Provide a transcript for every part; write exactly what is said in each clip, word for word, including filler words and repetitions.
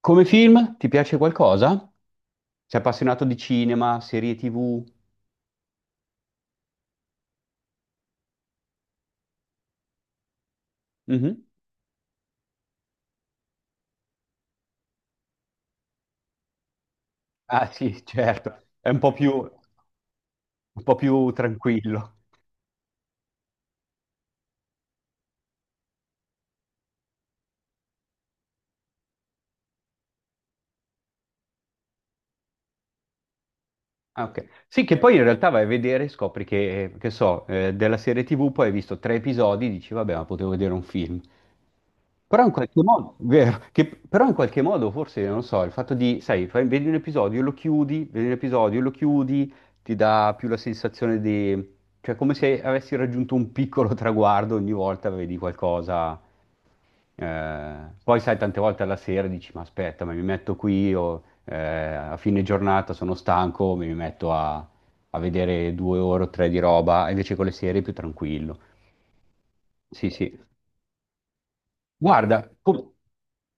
Come film, ti piace qualcosa? Sei appassionato di cinema, serie T V? Mhm. Ah sì, certo, è un po' più, un po' più tranquillo. Ah, ok. Sì, che poi in realtà vai a vedere e scopri che, che so, eh, della serie T V poi hai visto tre episodi e dici, vabbè, ma potevo vedere un film. Però in qualche modo, vero, che, però in qualche modo forse, non so, il fatto di, sai, fai- vedi un episodio, lo chiudi, vedi un episodio, lo chiudi, ti dà più la sensazione di, cioè come se avessi raggiunto un piccolo traguardo ogni volta vedi qualcosa. Eh, poi sai, tante volte alla sera dici, ma aspetta, ma mi metto qui, o, eh, a fine giornata sono stanco, mi metto a, a vedere due ore o tre di roba, invece con le serie è più tranquillo. Sì, sì. Guarda, com-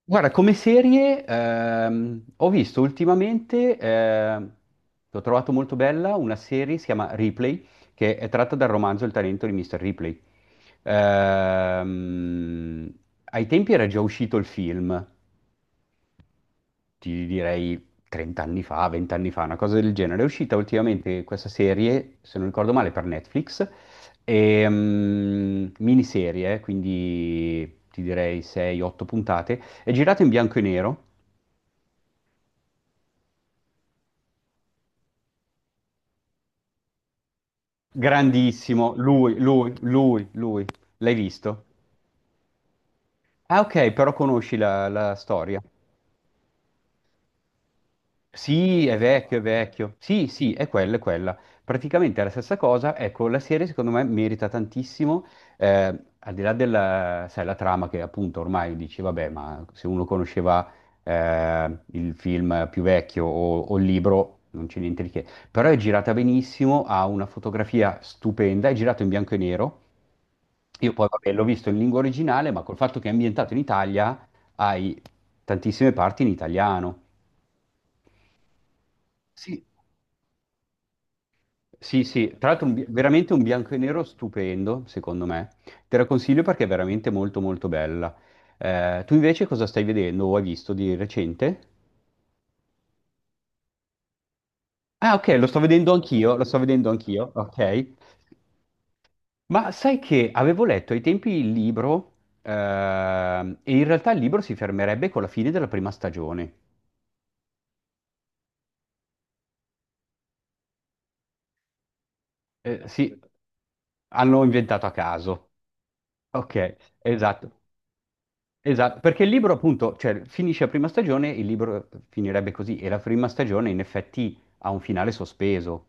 guarda, come serie ehm, ho visto ultimamente, ehm, l'ho trovato molto bella, una serie si chiama Ripley, che è tratta dal romanzo Il talento di mister Ripley. Ehm, Ai tempi era già uscito il film, ti direi trenta anni fa, venti anni fa, una cosa del genere. È uscita ultimamente questa serie, se non ricordo male, per Netflix, e, mm, miniserie, quindi ti direi sei otto puntate, è girata in bianco e nero, grandissimo, lui, lui, lui, lui, l'hai visto? Ah ok, però conosci la la storia. Sì, è vecchio, è vecchio. Sì, sì, è quella, è quella. Praticamente è la stessa cosa. Ecco, la serie secondo me merita tantissimo, eh, al di là della, sai, la trama che appunto ormai dici, vabbè, ma se uno conosceva eh, il film più vecchio o, o il libro, non c'è niente di che. Però è girata benissimo, ha una fotografia stupenda, è girato in bianco e nero. Io poi, vabbè, l'ho visto in lingua originale, ma col fatto che è ambientato in Italia, hai tantissime parti in italiano. Sì, Sì, sì, tra l'altro un bi- veramente un bianco e nero stupendo, secondo me. Te la consiglio perché è veramente molto molto bella. Eh, tu invece cosa stai vedendo o hai visto di recente? Ah, ok, lo sto vedendo anch'io, lo sto vedendo anch'io, ok. Ma sai che avevo letto ai tempi il libro, ehm, e in realtà il libro si fermerebbe con la fine della prima stagione. Eh, sì, hanno inventato a caso. Ok, esatto. Esatto, perché il libro appunto, cioè, finisce la prima stagione, il libro finirebbe così e la prima stagione in effetti ha un finale sospeso.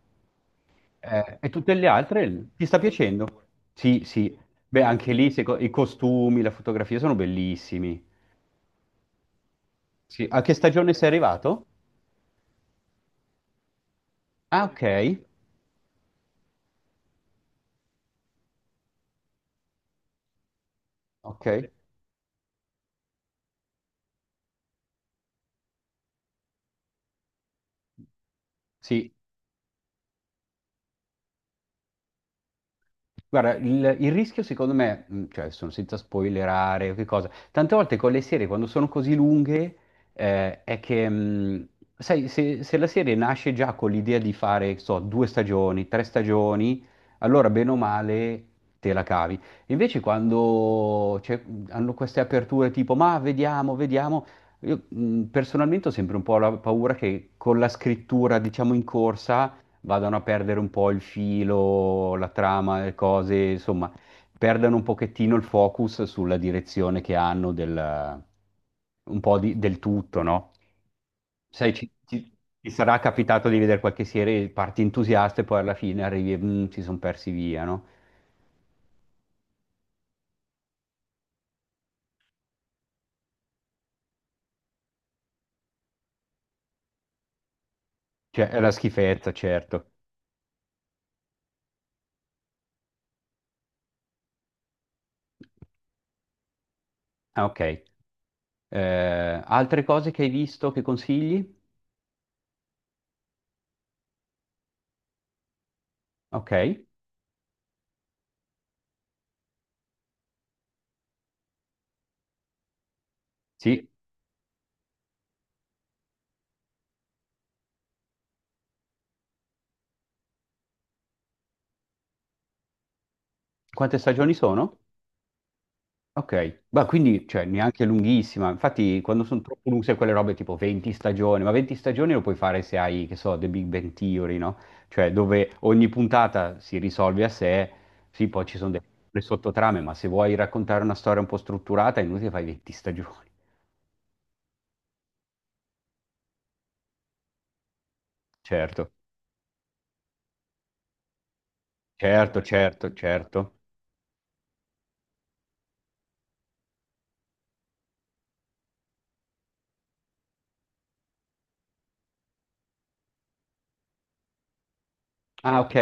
Eh, e tutte le altre ti sta piacendo? Sì, sì, beh anche lì seco- i costumi, la fotografia sono bellissimi. Sì. A che stagione sei arrivato? Ah, ok, ok, sì. Guarda, il, il rischio secondo me, mh, cioè sono senza spoilerare, o che cosa, tante volte con le serie quando sono così lunghe eh, è che, mh, sai, se, se la serie nasce già con l'idea di fare, che so, due stagioni, tre stagioni, allora bene o male te la cavi. Invece quando c'è- mm, hanno queste aperture tipo, ma vediamo, vediamo, io mh, personalmente ho sempre un po' la paura che con la scrittura, diciamo, in corsa vadano a perdere un po' il filo, la trama, le cose, insomma, perdano un pochettino il focus sulla direzione che hanno del, un po' di- del tutto, no? Sai, ci, ci- ti sarà capitato di vedere qualche serie, parti entusiasta e poi alla fine arrivi e "Mm, si sono persi via, no? Cioè, è la schifezza, certo. Ah, ok. Eh, altre cose che hai visto che consigli? Ok. Sì. Quante stagioni sono? Ok, ma quindi cioè, neanche lunghissima, infatti quando sono troppo lunghe sai, quelle robe tipo venti stagioni, ma venti stagioni lo puoi fare se hai, che so, The Big Bang Theory, no? Cioè dove ogni puntata si risolve a sé, sì, poi ci sono delle sottotrame, ma se vuoi raccontare una storia un po' strutturata è inutile fai venti stagioni. Certo, certo, certo, certo. Ah, ok,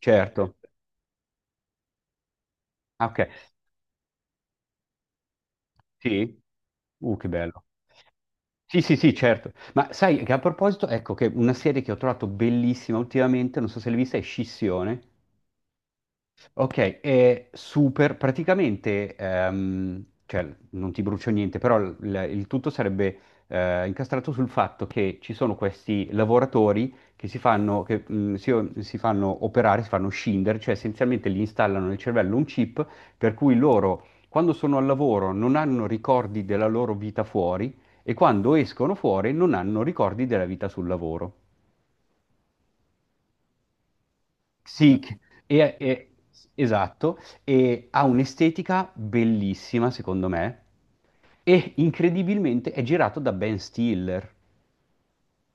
certo. Ah, ok, sì. Uh, che bello. Sì, sì, sì, certo. Ma sai che a proposito, ecco che una serie che ho trovato bellissima ultimamente, non so se l'hai vista, è Scissione. Ok, è super, praticamente, ehm, cioè non ti brucio niente, però il, il- il tutto sarebbe eh, incastrato sul fatto che ci sono questi lavoratori che si fanno, che, mh, si, si fanno operare, si fanno scindere, cioè essenzialmente gli installano nel cervello un chip per cui loro quando sono al lavoro non hanno ricordi della loro vita fuori e quando escono fuori non hanno ricordi della vita sul lavoro. Sì, che- e- e- esatto, e ha un'estetica bellissima, secondo me, e incredibilmente è girato da Ben Stiller.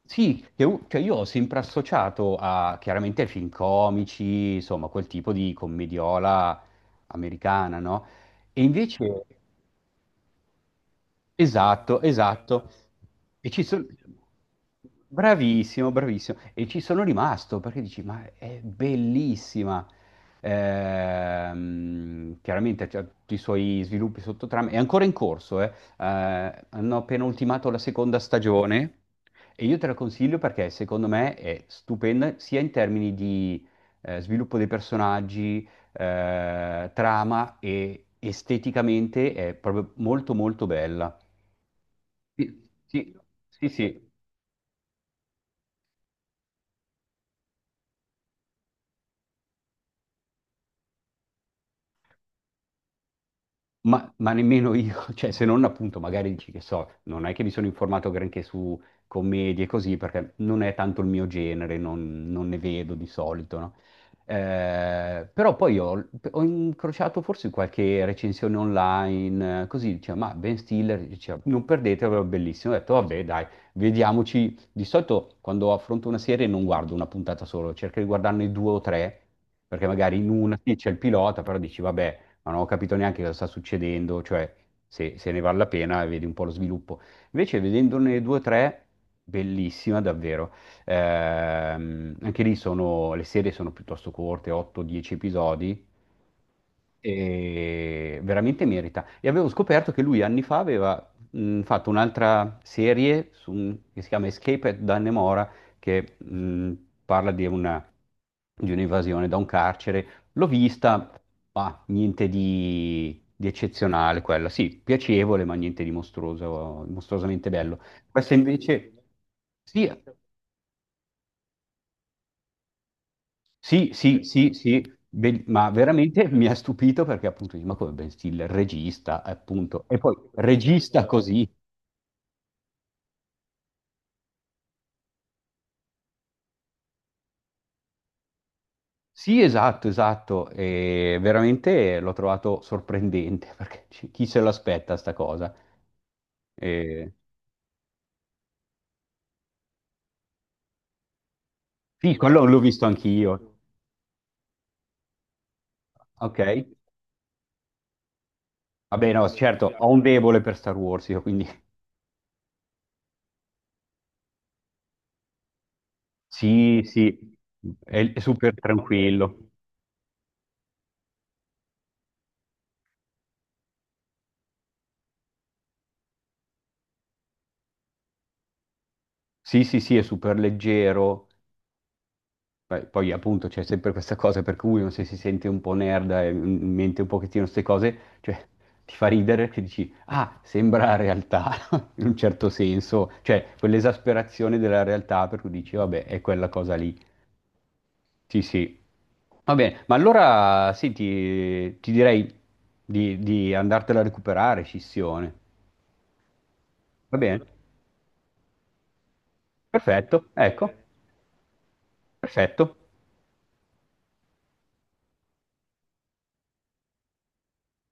Sì, che u- cioè io ho sempre associato a, chiaramente ai film comici, insomma, quel tipo di commediola americana, no? E invece. Esatto, esatto. E ci sono. Bravissimo, bravissimo. E ci sono rimasto perché dici, ma è bellissima. Ehm, chiaramente c'ha tutti i suoi sviluppi sottotrama. È ancora in corso, eh. Eh, hanno appena ultimato la seconda stagione e io te la consiglio perché secondo me è stupenda sia in termini di eh, sviluppo dei personaggi, eh, trama e esteticamente è proprio molto molto bella. Sì, sì, sì, sì. Ma, ma nemmeno io, cioè se non appunto magari dici che so, non è che mi sono informato granché su commedie e così, perché non è tanto il mio genere, non, non ne vedo di solito, no? Eh, però poi ho, ho incrociato forse qualche recensione online, eh, così diceva, ma Ben Stiller, diceva, non perdetevelo, è bellissimo. Ho detto, vabbè, dai, vediamoci. Di solito quando affronto una serie non guardo una puntata solo, cerco di guardarne due o tre, perché magari in una sì, c'è il pilota, però dici, vabbè ma non ho capito neanche cosa sta succedendo, cioè se, se ne vale la pena e vedi un po' lo sviluppo. Invece vedendone due o tre, bellissima davvero. Ehm, anche lì sono, le serie sono piuttosto corte, otto dieci episodi, e veramente merita. E avevo scoperto che lui anni fa aveva mh, fatto un'altra serie su un- che si chiama Escape at Dannemora, che mh, parla di una, di un'evasione da un carcere. L'ho vista, ma niente di, di eccezionale quella. Sì, piacevole, ma niente di mostruoso, mostruosamente bello. Questa invece, sì, sì, sì, sì, sì. Be- ma veramente mi ha stupito perché appunto, dici, ma come Ben Stiller, regista, appunto, e poi regista così. Sì, esatto, esatto, e veramente l'ho trovato sorprendente perché ci- chi se l'aspetta sta cosa? E- Sì, quello l'ho visto anch'io. Ok, vabbè, no, certo, ho un debole per Star Wars, io quindi sì, sì, è è super tranquillo. Sì, sì, sì, è super leggero. Poi, poi, appunto c'è sempre questa cosa per cui uno se si sente un po' nerd e in mente un pochettino queste cose, cioè ti fa ridere che dici, ah, sembra realtà, in un certo senso, cioè quell'esasperazione della realtà per cui dici, vabbè, è quella cosa lì. Sì, sì. Va bene, ma allora sì, ti, ti direi di, di andartela a recuperare, scissione. Va bene? Perfetto, ecco, perfetto.